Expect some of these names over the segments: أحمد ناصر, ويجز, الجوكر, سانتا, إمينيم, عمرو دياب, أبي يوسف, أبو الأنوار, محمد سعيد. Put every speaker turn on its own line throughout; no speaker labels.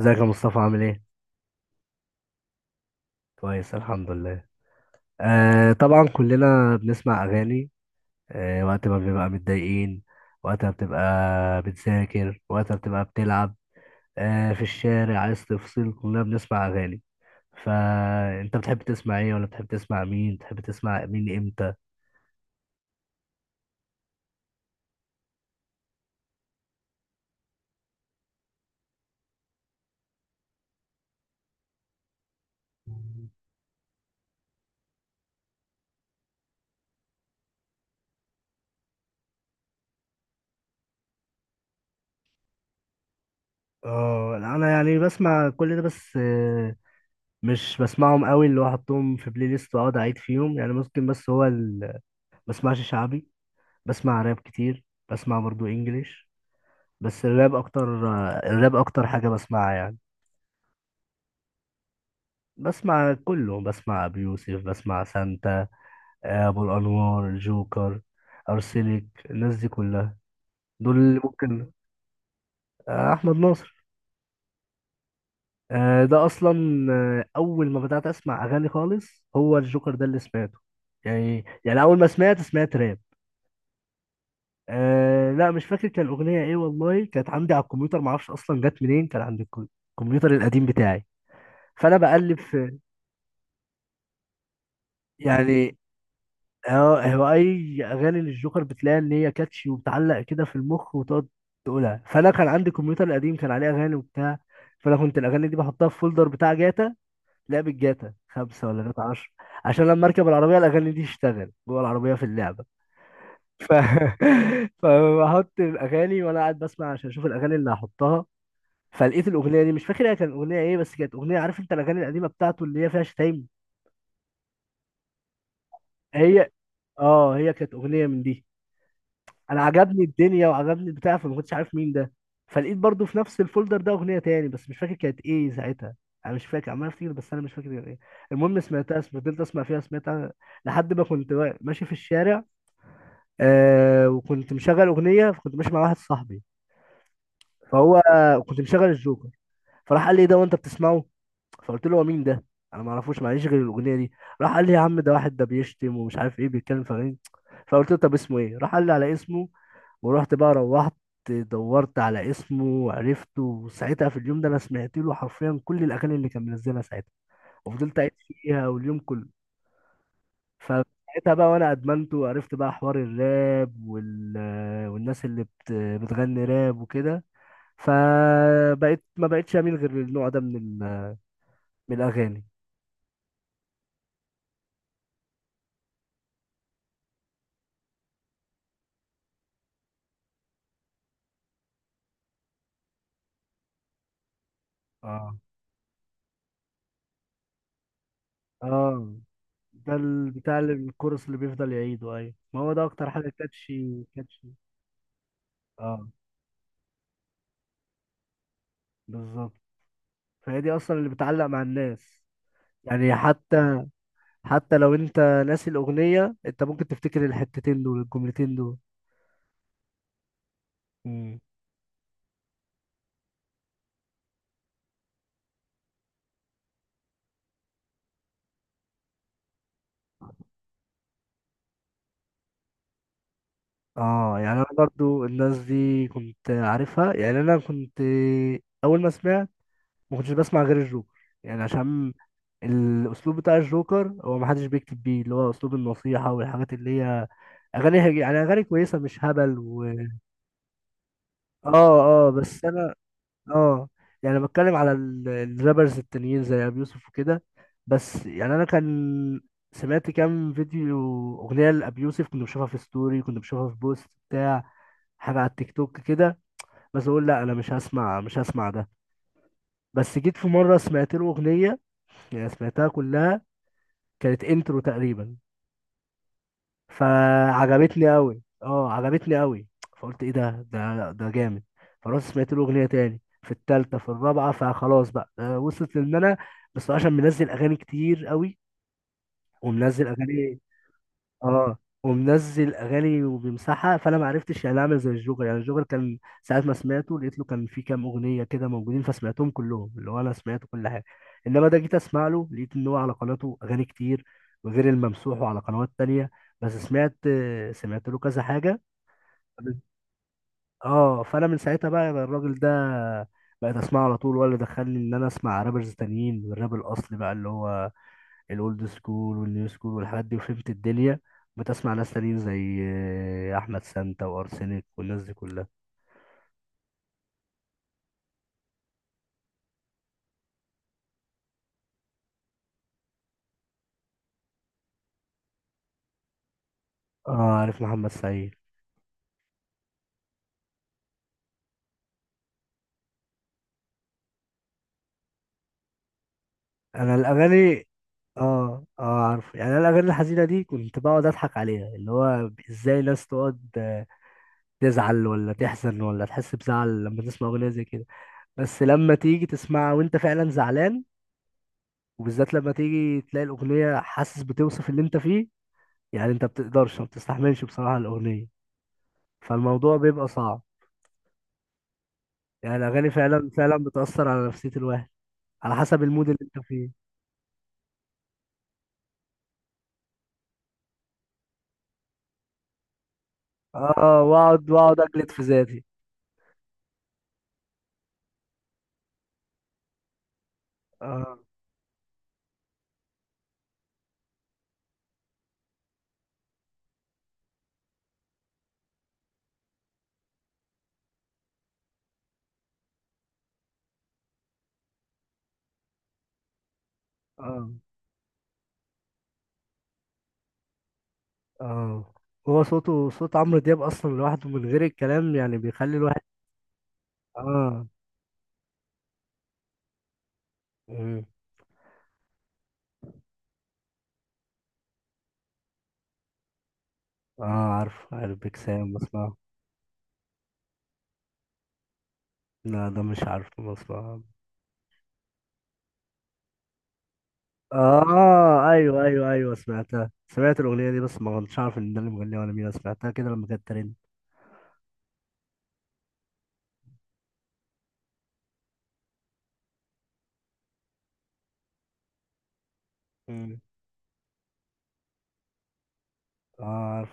ازيك يا مصطفى؟ عامل ايه؟ كويس الحمد لله. آه طبعا كلنا بنسمع اغاني، آه وقت ما بنبقى متضايقين، وقت ما بتبقى بتذاكر، وقت ما بتبقى بتلعب، آه في الشارع عايز تفصل كلنا بنسمع اغاني. فانت بتحب تسمع ايه؟ ولا بتحب تسمع مين؟ بتحب تسمع مين امتى؟ اه لا، انا يعني بسمع كل ده بس مش بسمعهم قوي اللي هو احطهم في بلاي ليست واقعد اعيد فيهم يعني ممكن. بسمعش شعبي، بسمع راب كتير، بسمع برضو انجليش، بس الراب اكتر. الراب اكتر حاجة بسمعها يعني. بسمع كله، بسمع ابي يوسف، بسمع سانتا، ابو الانوار، جوكر، ارسلك، الناس دي كلها، دول اللي ممكن. احمد ناصر. ده اصلا اول ما بدأت اسمع اغاني خالص هو الجوكر ده اللي سمعته، يعني اول ما سمعت سمعت راب. أه لا مش فاكر كان الاغنيه ايه، والله كانت عندي على الكمبيوتر، ما اعرفش اصلا جت منين، كان عندي الكمبيوتر القديم بتاعي، فانا بقلب في، يعني هو اي اغاني للجوكر بتلاقي ان هي كاتشي وبتعلق كده في المخ وتقعد تقولها. فانا كان عندي كمبيوتر قديم كان عليه اغاني وبتاع، فانا كنت الاغاني دي بحطها في فولدر بتاع جاتا، لعبة جاتا خمسة ولا جاتا عشرة، عشان لما اركب العربية الاغاني دي تشتغل جوه العربية في اللعبة. ف... فبحط الاغاني وانا قاعد بسمع عشان اشوف الاغاني اللي هحطها. فلقيت الاغنيه دي، مش فاكر هي كانت اغنيه ايه، بس كانت اغنيه عارف انت الاغاني القديمه بتاعته اللي هي فيها شتايم، هي اه هي كانت اغنيه من دي. انا عجبني الدنيا وعجبني البتاع، فما كنتش عارف مين ده. فلقيت برضو في نفس الفولدر ده اغنيه تاني بس مش فاكر كانت ايه ساعتها، انا مش فاكر، عمال افتكر بس انا مش فاكر كانت ايه. المهم سمعتها، فضلت اسمع فيها، سمعتها لحد ما كنت ماشي في الشارع، آه وكنت مشغل اغنيه، فكنت ماشي مع واحد صاحبي، فهو، كنت مشغل الجوكر، فراح قال لي إيه ده وانت بتسمعه؟ فقلت له هو مين ده؟ انا ما اعرفوش، معليش، غير الاغنيه دي. راح قال لي يا عم ده واحد ده بيشتم ومش عارف ايه بيتكلم في أغاني. فقلت له طب اسمه ايه؟ راح قال لي على اسمه، ورحت بقى روحت دورت على اسمه وعرفته، وساعتها في اليوم ده انا سمعت له حرفيا كل الاغاني اللي كان منزلها ساعتها، وفضلت قاعد فيها واليوم كله. فساعتها بقى وانا ادمنته، وعرفت بقى حوار الراب والناس بتغني راب وكده. فبقيت ما بقتش اميل غير للنوع ده من من الاغاني. اه اه ده الكورس اللي بيفضل يعيده، ايوه ما هو ده اكتر حاجه كاتشي كاتشي. اه بالظبط، فهي دي اصلا اللي بتعلق مع الناس، يعني حتى، حتى لو انت ناسي الاغنيه انت ممكن تفتكر الحتتين دول، الجملتين دول. مم. اه يعني انا برضو الناس دي كنت عارفها، يعني انا كنت اول ما سمعت ما كنتش بسمع غير الجوكر، يعني عشان الاسلوب بتاع الجوكر هو ما حدش بيكتب بيه، اللي هو اسلوب النصيحه والحاجات اللي هي اغاني يعني اغاني كويسه مش هبل اه اه بس انا اه يعني بتكلم على الرابرز التانيين زي ابي يوسف وكده، بس يعني انا كان سمعت كام فيديو، اغنيه لابي يوسف كنت بشوفها في ستوري، كنت بشوفها في بوست بتاع حاجه على التيك توك كده، بس اقول لا انا مش هسمع، مش هسمع ده. بس جيت في مره سمعت له اغنيه، يعني سمعتها كلها، كانت انترو تقريبا، فعجبت لي قوي، اه عجبت لي قوي. فقلت ايه ده، ده جامد. فرحت سمعت له اغنيه تاني، في التالتة في الرابعة، فخلاص بقى وصلت لان انا، بس هو عشان منزل اغاني كتير قوي، ومنزل اغاني، اه ومنزل اغاني وبيمسحها، فانا ما عرفتش يعني اعمل زي الجوكر. يعني الجوكر كان ساعات ما سمعته لقيت له كان في كام اغنيه كده موجودين، فسمعتهم كلهم، اللي هو انا سمعت كل حاجه. انما ده جيت اسمع له لقيت ان هو على قناته اغاني كتير، وغير الممسوح، وعلى قنوات تانية، بس سمعت، سمعت له كذا حاجه. اه فانا من ساعتها بقى الراجل ده بقيت اسمعه على طول، ولا دخلني ان انا اسمع رابرز تانيين والراب الاصلي بقى، اللي هو الاولد سكول والنيو سكول والحاجات دي، وفهمت الدنيا بتسمع ناس تانيين زي احمد سانتا وارسنك والناس دي كلها. اه عارف محمد سعيد. انا الاغاني، اه اه عارف، يعني انا الاغاني الحزينه دي كنت بقعد اضحك عليها، اللي هو ازاي ناس تقعد تزعل ولا تحزن ولا تحس بزعل لما تسمع اغنيه زي كده، بس لما تيجي تسمعها وانت فعلا زعلان، وبالذات لما تيجي تلاقي الاغنيه حاسس بتوصف اللي انت فيه، يعني انت بتقدرش، ما بتستحملش بصراحه الاغنيه، فالموضوع بيبقى صعب. يعني الأغاني فعلا فعلا بتأثر على نفسية الواحد على حسب المود اللي أنت فيه. اه واقعد واقعد اجلد في ذاتي. اه اه اه هو صوته، صوت عمرو دياب اصلا لوحده من غير الكلام يعني بيخلي الواحد، اه. مم. اه عارف، عارف بيك سام، بسمعه. لا ده مش عارف، بسمعه. اه ايوه ايوه ايوه سمعتها، سمعت الاغنيه دي بس ما كنتش عارف ان ده اللي مغنيها ولا مين، أنا سمعتها كده لما كانت ترند. مم. اه عارف.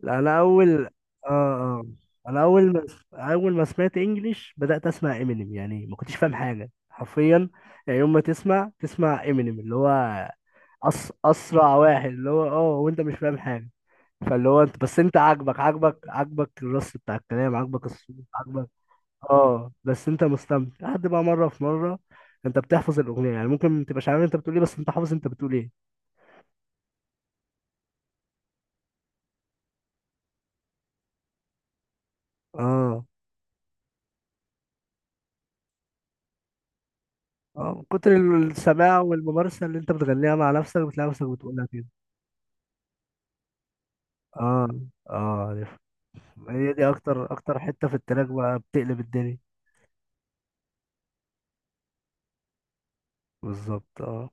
لا انا اول، اه اه انا اول ما، اول ما سمعت انجليش بدات اسمع امينيم، يعني ما كنتش فاهم حاجه حرفيا، يعني يوم ما تسمع تسمع امينيم اللي هو اسرع واحد، اللي هو اه وانت مش فاهم حاجه، فاللي هو انت بس انت عاجبك عاجبك الرص بتاع الكلام، عاجبك الصوت، عاجبك، اه بس انت مستمتع، لحد بقى مره في مره انت بتحفظ الاغنيه، يعني ممكن ما تبقاش عارف انت بتقول ايه بس انت حافظ انت بتقول ايه. اه اه من كتر السماع والممارسة، اللي انت بتغنيها مع نفسك بتلاقي نفسك بتقولها كده. اه اه عرفت. هي دي اكتر، اكتر حتة في التراك بقى بتقلب الدنيا. بالظبط اه.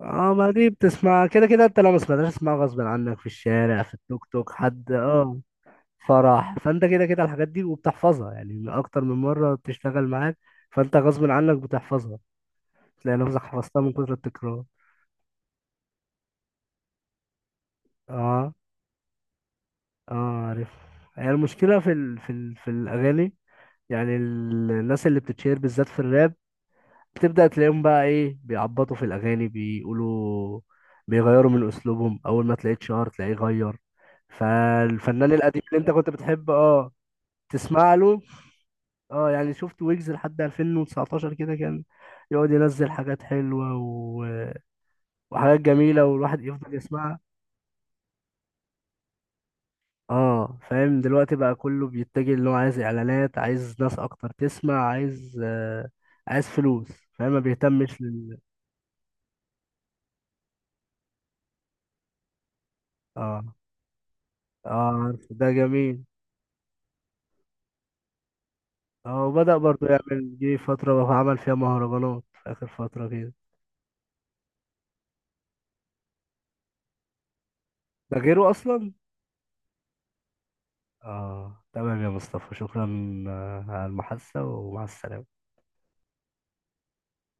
اه ما دي بتسمع كده كده، انت لو ما سمعتهاش تسمعها غصب عنك في الشارع، في التوك توك، حد، اه فرح، فانت كده كده الحاجات دي وبتحفظها يعني، اكتر من مرة بتشتغل معاك، فانت غصب عنك بتحفظها، تلاقي نفسك حفظتها من كتر التكرار. اه اه عارف. هي المشكلة في في الأغاني، يعني الناس اللي بتتشير بالذات في الراب بتبدأ تلاقيهم بقى ايه بيعبطوا في الأغاني بيقولوا، بيغيروا من أسلوبهم، أول ما تلاقيه اتشهر تلاقيه غير، فالفنان القديم اللي انت كنت بتحب اه تسمع له. اه يعني شفت ويجز لحد 2019 كده كان يقعد ينزل حاجات حلوة وحاجات جميلة والواحد يفضل يسمعها. اه فاهم، دلوقتي بقى كله بيتجه اللي هو عايز اعلانات، عايز ناس اكتر تسمع، عايز آه عايز فلوس، فاهم ما بيهتمش. اه اه عارف ده جميل. اه وبدأ برضه يعمل، جه فترة عمل فيها مهرجانات في آخر فترة كده. ده غيره أصلا. اه تمام يا مصطفى، شكرا على المحادثة، ومع السلامة.